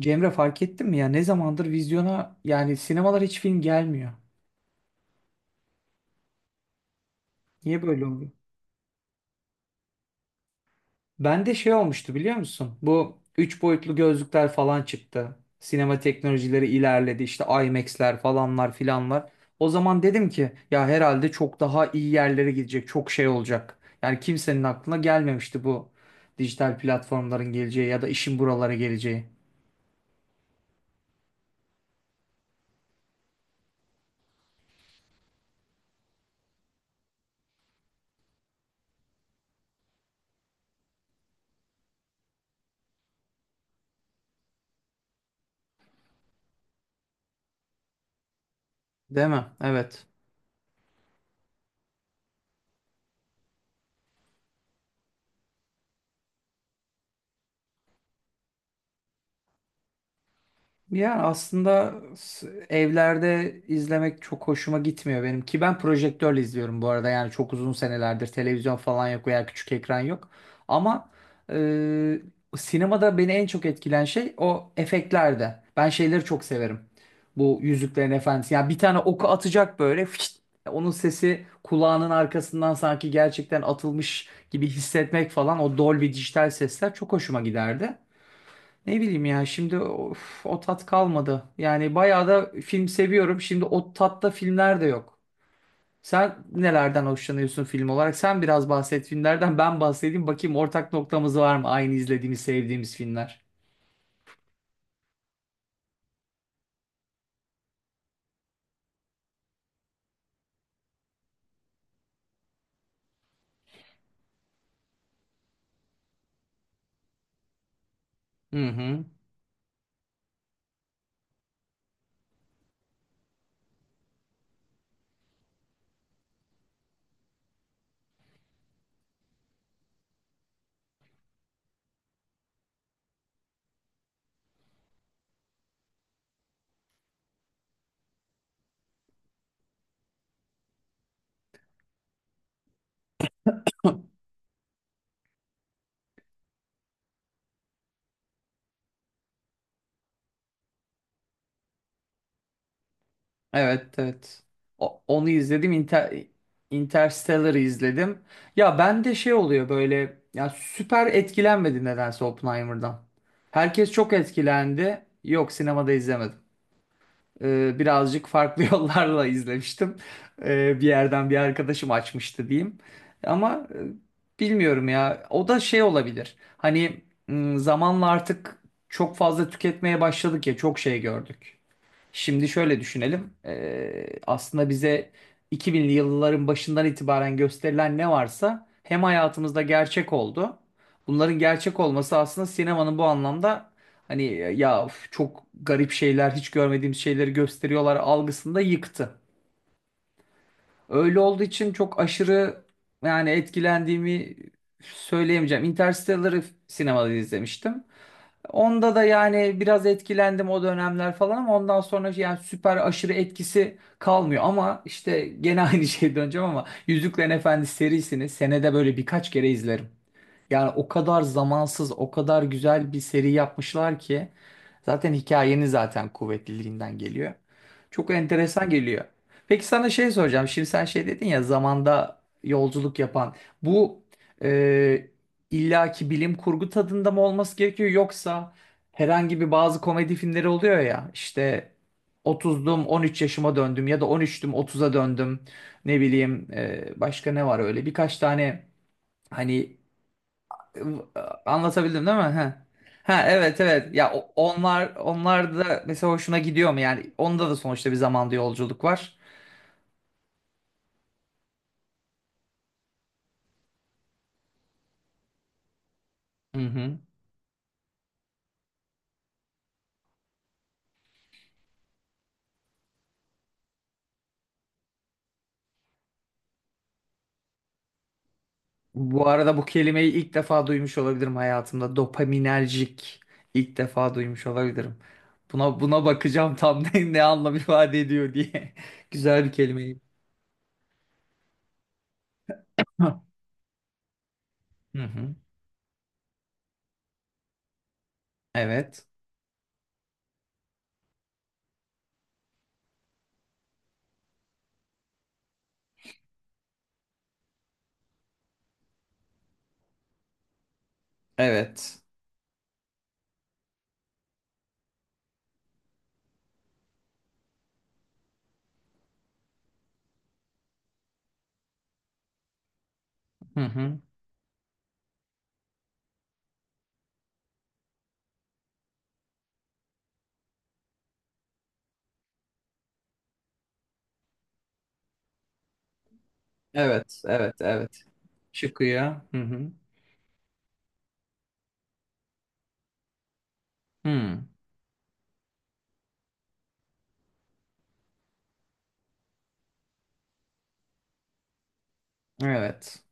Cemre fark ettin mi ya ne zamandır vizyona yani sinemalar hiç film gelmiyor. Niye böyle oluyor? Bende şey olmuştu biliyor musun? Bu 3 boyutlu gözlükler falan çıktı. Sinema teknolojileri ilerledi işte IMAX'ler falanlar filanlar. O zaman dedim ki ya herhalde çok daha iyi yerlere gidecek çok şey olacak. Yani kimsenin aklına gelmemişti bu dijital platformların geleceği ya da işin buralara geleceği. Değil mi? Evet. Yani aslında evlerde izlemek çok hoşuma gitmiyor benim ki ben projektörle izliyorum bu arada yani çok uzun senelerdir televizyon falan yok veya küçük ekran yok ama e, sinemada beni en çok etkilen şey o efektlerde ben şeyleri çok severim bu Yüzüklerin Efendisi yani bir tane oku atacak böyle fişt, onun sesi kulağının arkasından sanki gerçekten atılmış gibi hissetmek falan o Dolby dijital sesler çok hoşuma giderdi. Ne bileyim ya şimdi of, o tat kalmadı. Yani bayağı da film seviyorum. Şimdi o tatta filmler de yok. Sen nelerden hoşlanıyorsun film olarak? Sen biraz bahset filmlerden ben bahsedeyim. Bakayım ortak noktamız var mı? Aynı izlediğimiz, sevdiğimiz filmler. Hı hı. Evet, evet. Onu izledim. Interstellar'ı izledim. Ya bende şey oluyor böyle ya süper etkilenmedi nedense Oppenheimer'dan. Herkes çok etkilendi. Yok, sinemada izlemedim. Birazcık farklı yollarla izlemiştim. Bir yerden bir arkadaşım açmıştı diyeyim. Ama bilmiyorum ya. O da şey olabilir. Hani zamanla artık çok fazla tüketmeye başladık ya çok şey gördük. Şimdi şöyle düşünelim. Aslında bize 2000'li yılların başından itibaren gösterilen ne varsa hem hayatımızda gerçek oldu. Bunların gerçek olması aslında sinemanın bu anlamda hani ya üf, çok garip şeyler, hiç görmediğimiz şeyleri gösteriyorlar algısında yıktı. Öyle olduğu için çok aşırı yani etkilendiğimi söyleyemeyeceğim. Interstellar'ı sinemada izlemiştim. Onda da yani biraz etkilendim o dönemler falan ama ondan sonra yani süper aşırı etkisi kalmıyor. Ama işte gene aynı şeye döneceğim ama Yüzüklerin Efendisi serisini senede böyle birkaç kere izlerim. Yani o kadar zamansız, o kadar güzel bir seri yapmışlar ki zaten hikayenin zaten kuvvetliliğinden geliyor. Çok enteresan geliyor. Peki sana şey soracağım. Şimdi sen şey dedin ya zamanda yolculuk yapan. Bu e, illaki bilim kurgu tadında mı olması gerekiyor yoksa herhangi bir bazı komedi filmleri oluyor ya işte 30'dum 13 yaşıma döndüm ya da 13'tüm 30'a döndüm ne bileyim başka ne var öyle birkaç tane. Hani, anlatabildim değil mi? Ha. Ha, evet, evet. Ya onlar da mesela hoşuna gidiyor mu? Yani onda da sonuçta bir zamanda yolculuk var. Hı hı. Bu arada bu kelimeyi ilk defa duymuş olabilirim hayatımda. Dopaminerjik ilk defa duymuş olabilirim. Buna bakacağım tam ne anlam ifade ediyor diye. Güzel bir kelimeyi. Hı hı. Evet. Evet. Hı hı. Evet, evet, evet. Çıkıyor. Hı hı. Hı. Evet.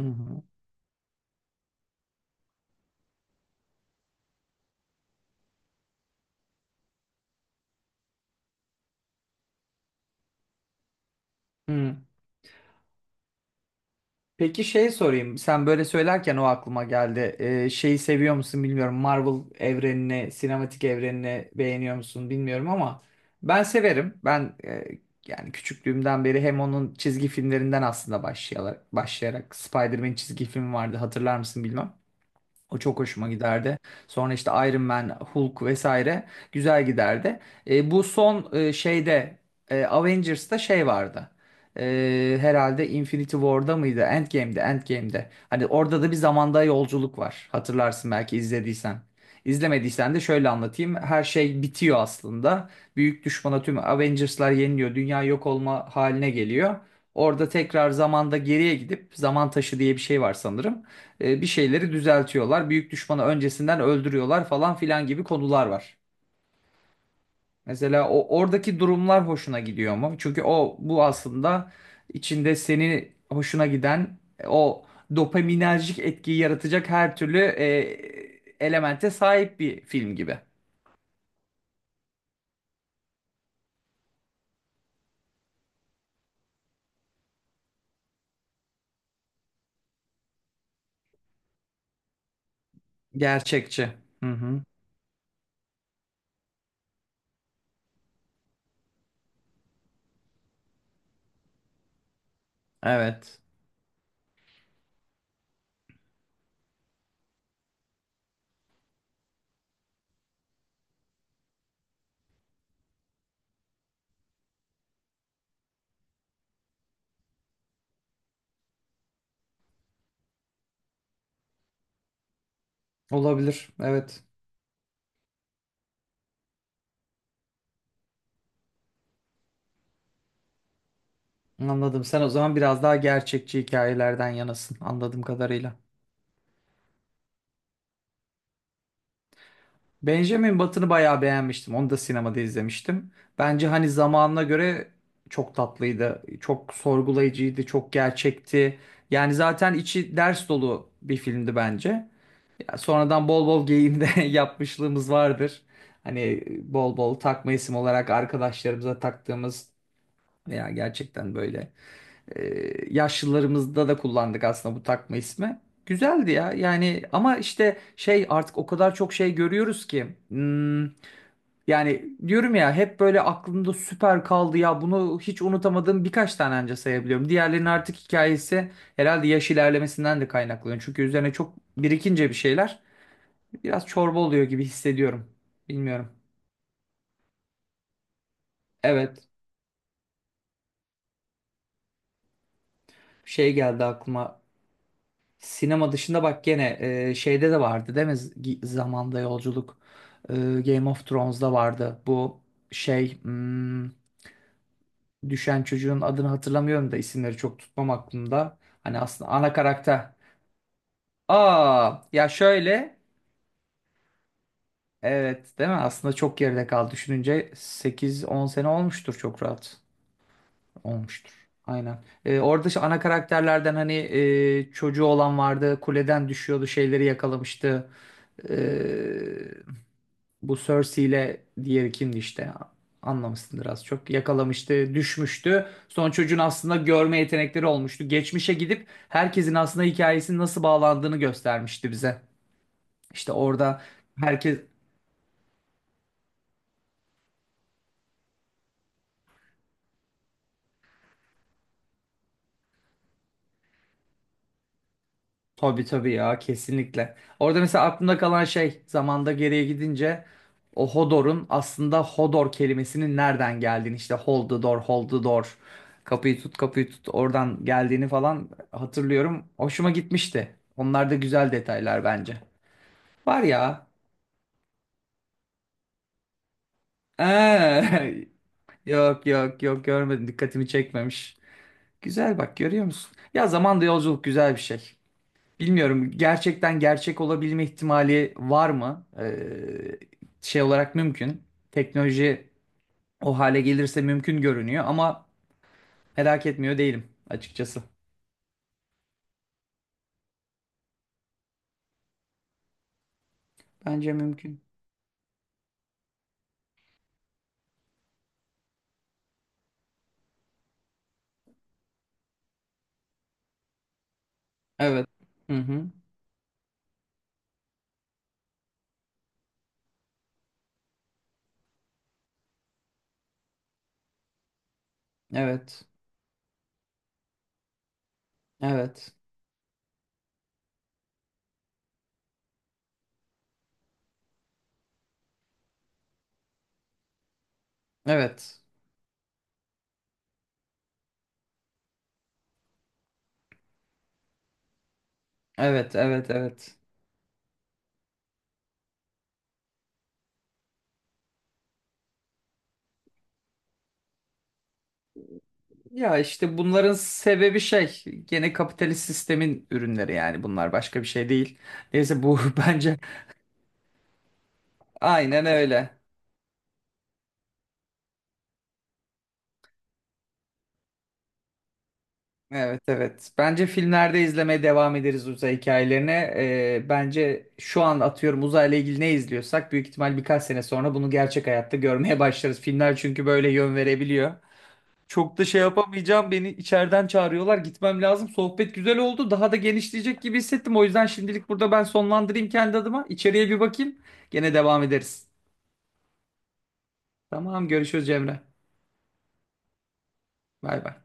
Hı hı. Hı. Peki şey sorayım. Sen böyle söylerken o aklıma geldi. Şeyi seviyor musun bilmiyorum. Marvel evrenini, sinematik evrenini beğeniyor musun bilmiyorum ama ben severim. Ben yani küçüklüğümden beri hem onun çizgi filmlerinden aslında başlayarak Spider-Man çizgi filmi vardı hatırlar mısın bilmem. O çok hoşuma giderdi. Sonra işte Iron Man, Hulk vesaire güzel giderdi. Bu son şeyde Avengers'ta şey vardı. Herhalde Infinity War'da mıydı? Endgame'de, Endgame'de. Hani orada da bir zamanda yolculuk var. Hatırlarsın belki izlediysen. İzlemediysen de şöyle anlatayım. Her şey bitiyor aslında. Büyük düşmana tüm Avengers'lar yeniliyor. Dünya yok olma haline geliyor. Orada tekrar zamanda geriye gidip zaman taşı diye bir şey var sanırım. Bir şeyleri düzeltiyorlar. Büyük düşmanı öncesinden öldürüyorlar falan filan gibi konular var. Mesela o oradaki durumlar hoşuna gidiyor mu? Çünkü o bu aslında içinde seni hoşuna giden o dopaminerjik etkiyi yaratacak her türlü elemente sahip bir film gibi. Gerçekçi. Hı hı. Evet. Olabilir. Evet. Anladım. Sen o zaman biraz daha gerçekçi hikayelerden yanasın anladığım kadarıyla. Benjamin Button'ı bayağı beğenmiştim. Onu da sinemada izlemiştim. Bence hani zamanına göre çok tatlıydı. Çok sorgulayıcıydı, çok gerçekti. Yani zaten içi ders dolu bir filmdi bence. Ya sonradan bol bol geyiğini de yapmışlığımız vardır. Hani bol bol takma isim olarak arkadaşlarımıza taktığımız veya gerçekten böyle yaşlılarımızda da kullandık aslında bu takma ismi. Güzeldi ya yani ama işte şey artık o kadar çok şey görüyoruz ki. Yani diyorum ya hep böyle aklımda süper kaldı ya bunu hiç unutamadığım birkaç tane anca sayabiliyorum. Diğerlerinin artık hikayesi herhalde yaş ilerlemesinden de kaynaklanıyor. Çünkü üzerine çok birikince bir şeyler biraz çorba oluyor gibi hissediyorum. Bilmiyorum. Evet, şey geldi aklıma, sinema dışında bak gene şeyde de vardı değil mi? Zamanda yolculuk. E, Game of Thrones'da vardı bu şey, düşen çocuğun adını hatırlamıyorum da isimleri çok tutmam aklımda. Hani aslında ana karakter. Aa ya şöyle, evet, değil mi? Aslında çok geride kaldı. Düşününce sekiz on sene olmuştur çok rahat. Olmuştur. Aynen. Orada şu ana karakterlerden hani çocuğu olan vardı. Kuleden düşüyordu. Şeyleri yakalamıştı. Ee, Bu Cersei ile diğeri kimdi işte anlamışsındır az çok. Yakalamıştı, düşmüştü. Son çocuğun aslında görme yetenekleri olmuştu. Geçmişe gidip herkesin aslında hikayesinin nasıl bağlandığını göstermişti bize. İşte orada herkes. Tabii, tabii ya, kesinlikle. Orada mesela aklımda kalan şey zamanda geriye gidince o Hodor'un aslında Hodor kelimesinin nereden geldiğini işte hold the door, hold the door, kapıyı tut kapıyı tut, oradan geldiğini falan hatırlıyorum. Hoşuma gitmişti. Onlar da güzel detaylar bence. Var ya. Ee, Yok, yok, yok, görmedim, dikkatimi çekmemiş. Güzel, bak görüyor musun? Ya zamanda yolculuk güzel bir şey. Bilmiyorum, gerçekten gerçek olabilme ihtimali var mı? Şey olarak mümkün. Teknoloji o hale gelirse mümkün görünüyor ama merak etmiyor değilim açıkçası. Bence mümkün. Evet. Hı hı. Evet. Evet. Evet. Evet, evet, evet. Ya işte bunların sebebi şey, gene kapitalist sistemin ürünleri yani, bunlar başka bir şey değil. Neyse bu bence aynen öyle. Evet, evet. Bence filmlerde izlemeye devam ederiz uzay hikayelerine. Bence şu an atıyorum uzayla ilgili ne izliyorsak büyük ihtimal birkaç sene sonra bunu gerçek hayatta görmeye başlarız. Filmler çünkü böyle yön verebiliyor. Çok da şey yapamayacağım. Beni içeriden çağırıyorlar. Gitmem lazım. Sohbet güzel oldu. Daha da genişleyecek gibi hissettim. O yüzden şimdilik burada ben sonlandırayım kendi adıma. İçeriye bir bakayım. Gene devam ederiz. Tamam, görüşürüz Cemre. Bay bay.